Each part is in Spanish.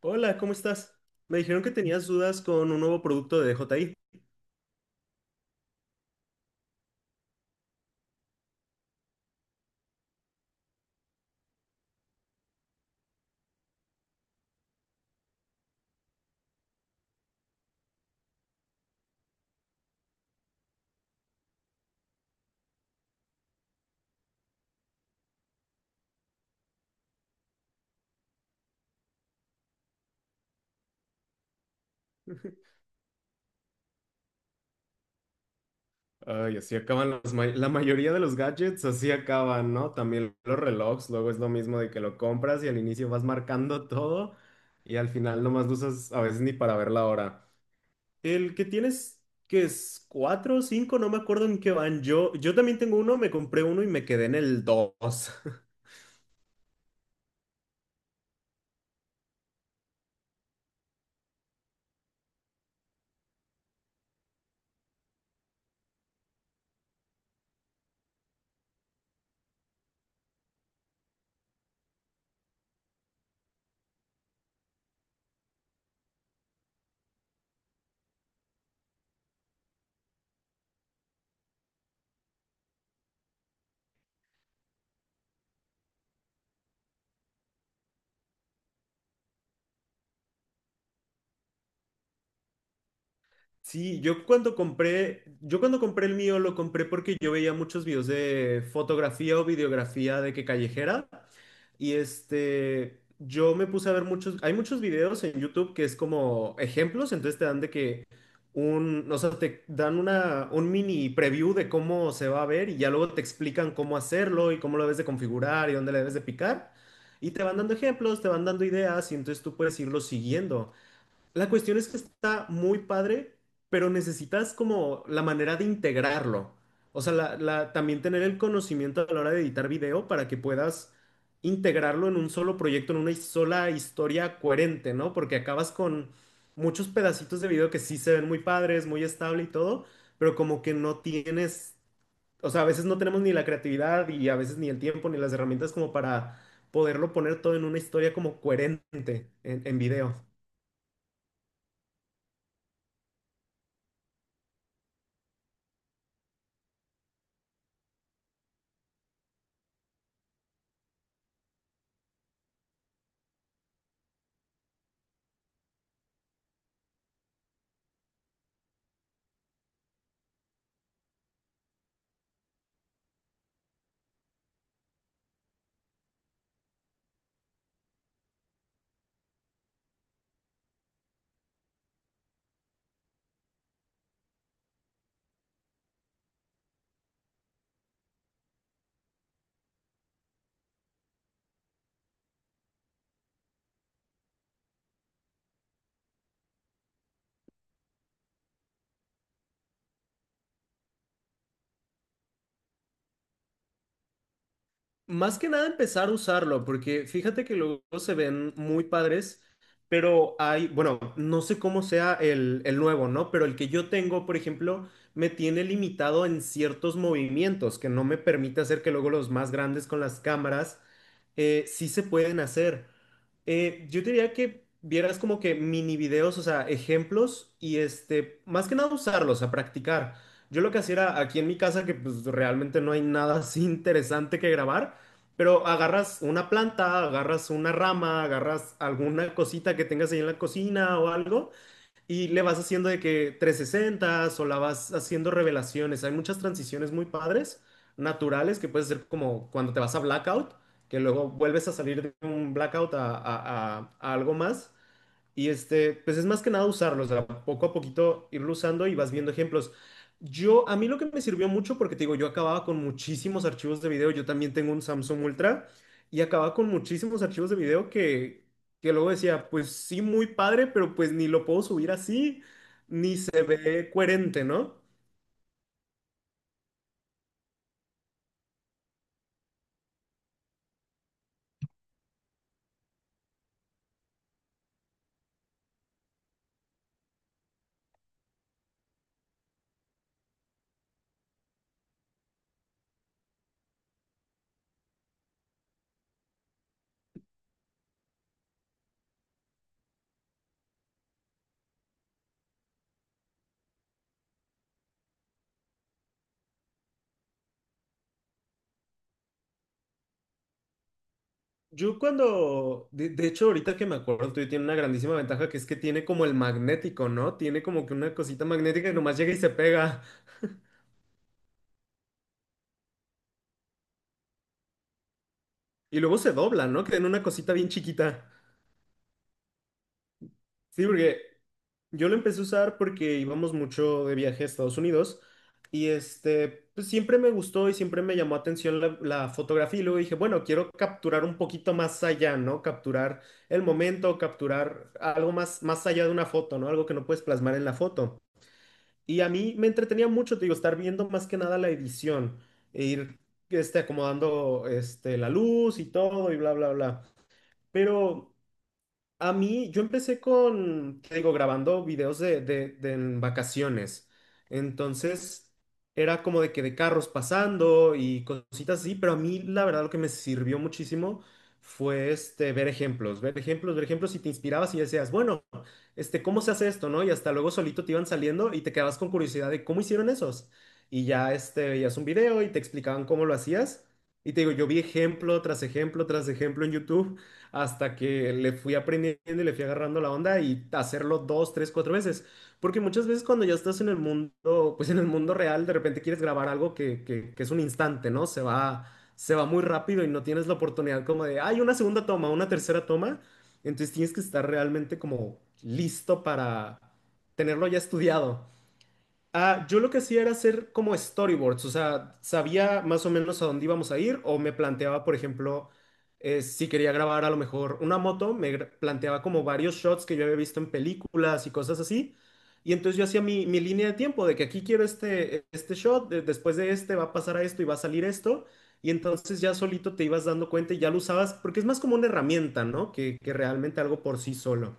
Hola, ¿cómo estás? Me dijeron que tenías dudas con un nuevo producto de DJI. Ay, así acaban la mayoría de los gadgets, así acaban, ¿no? También los relojes, luego es lo mismo de que lo compras y al inicio vas marcando todo y al final nomás lo usas a veces ni para ver la hora. El que tienes, que es cuatro o cinco, no me acuerdo en qué van. Yo también tengo uno, me compré uno y me quedé en el dos. Sí, yo cuando compré el mío lo compré porque yo veía muchos videos de fotografía o videografía de que callejera y este, yo me puse a ver muchos, hay muchos videos en YouTube que es como ejemplos, entonces te dan de que un, o sea, te dan una, un mini preview de cómo se va a ver y ya luego te explican cómo hacerlo y cómo lo debes de configurar y dónde le debes de picar y te van dando ejemplos, te van dando ideas y entonces tú puedes irlo siguiendo. La cuestión es que está muy padre, pero necesitas como la manera de integrarlo. O sea, también tener el conocimiento a la hora de editar video para que puedas integrarlo en un solo proyecto, en una sola historia coherente, ¿no? Porque acabas con muchos pedacitos de video que sí se ven muy padres, muy estable y todo, pero como que no tienes, o sea, a veces no tenemos ni la creatividad y a veces ni el tiempo ni las herramientas como para poderlo poner todo en una historia como coherente en video. Más que nada empezar a usarlo, porque fíjate que luego se ven muy padres, pero hay, bueno, no sé cómo sea el nuevo, ¿no? Pero el que yo tengo, por ejemplo, me tiene limitado en ciertos movimientos que no me permite hacer que luego los más grandes con las cámaras sí se pueden hacer. Yo diría que vieras como que mini videos, o sea, ejemplos y este, más que nada usarlos, a practicar. Yo lo que hacía era aquí en mi casa, que pues realmente no hay nada así interesante que grabar. Pero agarras una planta, agarras una rama, agarras alguna cosita que tengas ahí en la cocina o algo y le vas haciendo de que 360 o la vas haciendo revelaciones. Hay muchas transiciones muy padres, naturales, que puedes hacer como cuando te vas a blackout, que luego vuelves a salir de un blackout a algo más. Y este, pues es más que nada usarlo, o sea, poco a poquito irlo usando y vas viendo ejemplos. Yo, a mí lo que me sirvió mucho, porque te digo, yo acababa con muchísimos archivos de video, yo también tengo un Samsung Ultra y acababa con muchísimos archivos de video que luego decía, pues sí, muy padre, pero pues ni lo puedo subir así, ni se ve coherente, ¿no? Yo cuando, de hecho, ahorita que me acuerdo, tú tiene una grandísima ventaja que es que tiene como el magnético, ¿no? Tiene como que una cosita magnética que nomás llega y se pega. Y luego se dobla, ¿no? Que en una cosita bien chiquita. Sí, porque yo lo empecé a usar porque íbamos mucho de viaje a Estados Unidos y este, pues siempre me gustó y siempre me llamó atención la fotografía y luego dije, bueno, quiero capturar un poquito más allá, ¿no? Capturar el momento, capturar algo más, más allá de una foto, ¿no? Algo que no puedes plasmar en la foto. Y a mí me entretenía mucho, te digo, estar viendo más que nada la edición e ir este, acomodando este, la luz y todo y bla, bla, bla. Pero... A mí, yo empecé con, te digo, grabando videos de en vacaciones. Entonces, era como de que de carros pasando y cositas así, pero a mí, la verdad, lo que me sirvió muchísimo fue este, ver ejemplos, ver ejemplos, ver ejemplos y te inspirabas y decías, bueno este, ¿cómo se hace esto, no? Y hasta luego solito te iban saliendo y te quedabas con curiosidad de cómo hicieron esos. Y ya, este, veías un video y te explicaban cómo lo hacías. Y te digo, yo vi ejemplo tras ejemplo tras ejemplo en YouTube hasta que le fui aprendiendo y le fui agarrando la onda y hacerlo dos, tres, cuatro veces. Porque muchas veces cuando ya estás en el mundo, pues en el mundo real, de repente quieres grabar algo que es un instante, ¿no? Se va muy rápido y no tienes la oportunidad como de, hay una segunda toma, una tercera toma. Entonces tienes que estar realmente como listo para tenerlo ya estudiado. Ah, yo lo que hacía era hacer como storyboards, o sea, sabía más o menos a dónde íbamos a ir o me planteaba, por ejemplo, si quería grabar a lo mejor una moto, planteaba como varios shots que yo había visto en películas y cosas así. Y entonces yo hacía mi línea de tiempo de que aquí quiero este, este shot, después de este va a pasar a esto y va a salir esto. Y entonces ya solito te ibas dando cuenta y ya lo usabas, porque es más como una herramienta, ¿no? Que realmente algo por sí solo.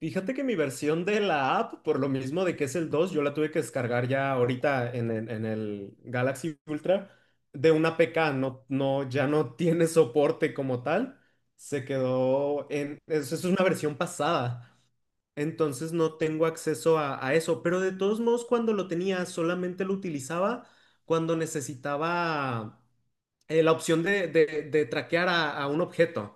Fíjate que mi versión de la app, por lo mismo de que es el 2, yo la tuve que descargar ya ahorita en el Galaxy Ultra de una APK, no, no, ya no tiene soporte como tal, se quedó en, es, una versión pasada, entonces no tengo acceso a eso, pero de todos modos cuando lo tenía solamente lo utilizaba cuando necesitaba la opción de traquear a un objeto.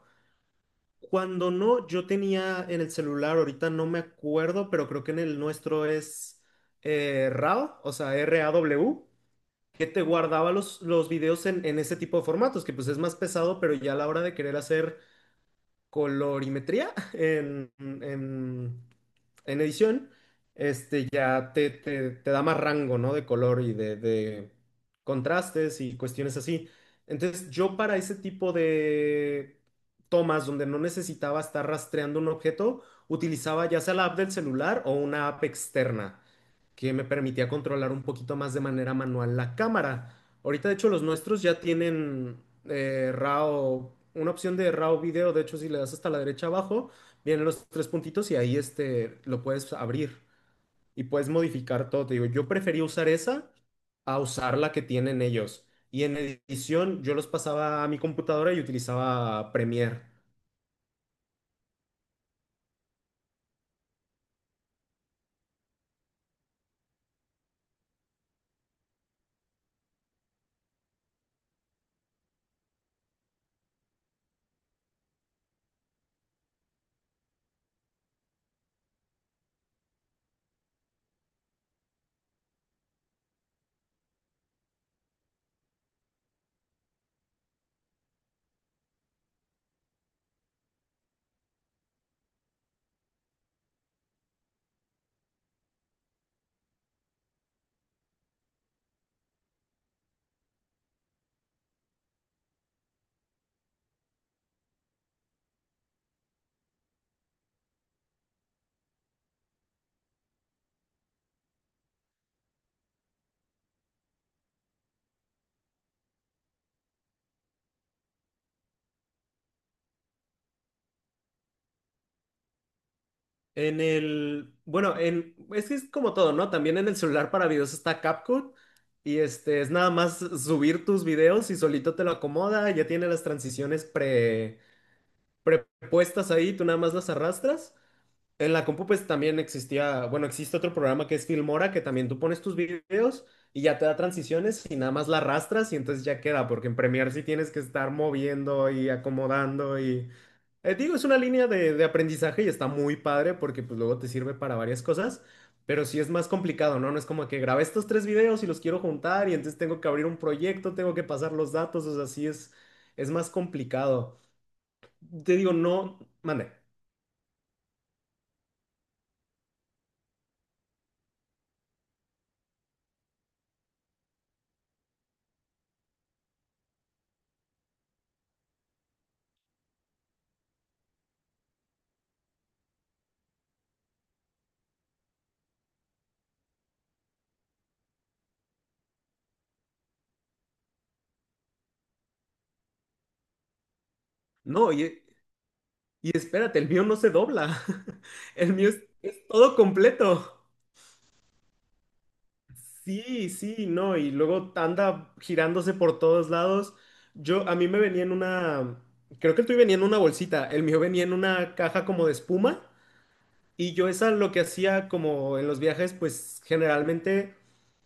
Cuando no, yo tenía en el celular, ahorita no me acuerdo, pero creo que en el nuestro es RAW, o sea, RAW, que te guardaba los videos en ese tipo de formatos, que pues es más pesado, pero ya a la hora de querer hacer colorimetría en edición, este ya te da más rango, ¿no? De color y de contrastes y cuestiones así. Entonces, yo para ese tipo de tomas donde no necesitaba estar rastreando un objeto, utilizaba ya sea la app del celular o una app externa que me permitía controlar un poquito más de manera manual la cámara. Ahorita, de hecho, los nuestros ya tienen RAW, una opción de RAW video. De hecho, si le das hasta la derecha abajo, vienen los tres puntitos y ahí este, lo puedes abrir y puedes modificar todo. Te digo, yo prefería usar esa a usar la que tienen ellos. Y en edición, yo los pasaba a mi computadora y utilizaba Premiere. En el, bueno, en, es que es como todo, ¿no? También en el celular para videos está CapCut y este es nada más subir tus videos y solito te lo acomoda, ya tiene las transiciones prepuestas ahí, tú nada más las arrastras. En la compu pues también existía, bueno, existe otro programa que es Filmora que también tú pones tus videos y ya te da transiciones y nada más la arrastras y entonces ya queda, porque en Premiere sí tienes que estar moviendo y acomodando y digo, es una línea de aprendizaje y está muy padre porque pues luego te sirve para varias cosas, pero sí es más complicado, ¿no? No es como que grabé estos tres videos y los quiero juntar y entonces tengo que abrir un proyecto, tengo que pasar los datos, o sea, sí es más complicado. Te digo, no, mande. No, y espérate, el mío no se dobla, el mío es todo completo. Sí, sí, no, y luego anda girándose por todos lados. Yo, a mí me venía en una, creo que el tuyo venía en una bolsita, el mío venía en una caja como de espuma y yo esa lo que hacía como en los viajes, pues generalmente,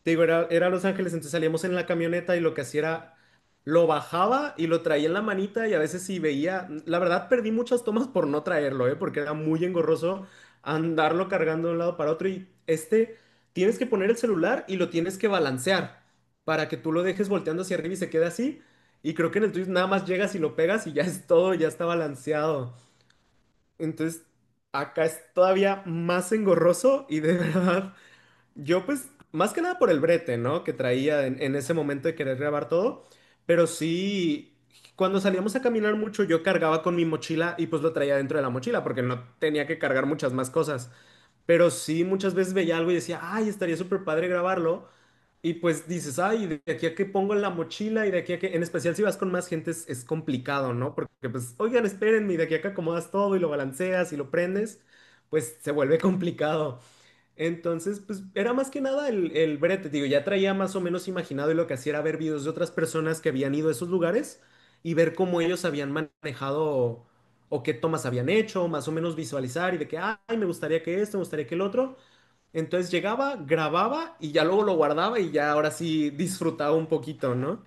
te digo, era Los Ángeles, entonces salíamos en la camioneta y lo que hacía era, lo bajaba y lo traía en la manita y a veces si veía, la verdad perdí muchas tomas por no traerlo, ¿eh? Porque era muy engorroso andarlo cargando de un lado para otro y este, tienes que poner el celular y lo tienes que balancear para que tú lo dejes volteando hacia arriba y se quede así. Y creo que en el tuyo nada más llegas y lo pegas y ya es todo, ya está balanceado. Entonces, acá es todavía más engorroso y de verdad, yo pues, más que nada por el brete, ¿no? Que traía en ese momento de querer grabar todo, pero sí, cuando salíamos a caminar mucho, yo cargaba con mi mochila y pues lo traía dentro de la mochila porque no tenía que cargar muchas más cosas. Pero sí, muchas veces veía algo y decía, ay, estaría súper padre grabarlo. Y pues dices, ay, de aquí a que pongo en la mochila y de aquí a que, en especial si vas con más gente es complicado, ¿no? Porque pues, oigan, espérenme, y de aquí a que acomodas todo y lo balanceas y lo prendes, pues se vuelve complicado. Entonces, pues era más que nada el brete, digo, ya traía más o menos imaginado y lo que hacía era ver videos de otras personas que habían ido a esos lugares y ver cómo ellos habían manejado o qué tomas habían hecho, más o menos visualizar y de que, ay, me gustaría que esto, me gustaría que el otro. Entonces llegaba, grababa y ya luego lo guardaba y ya ahora sí disfrutaba un poquito, ¿no?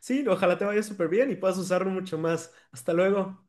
Sí, ojalá te vaya súper bien y puedas usarlo mucho más. Hasta luego.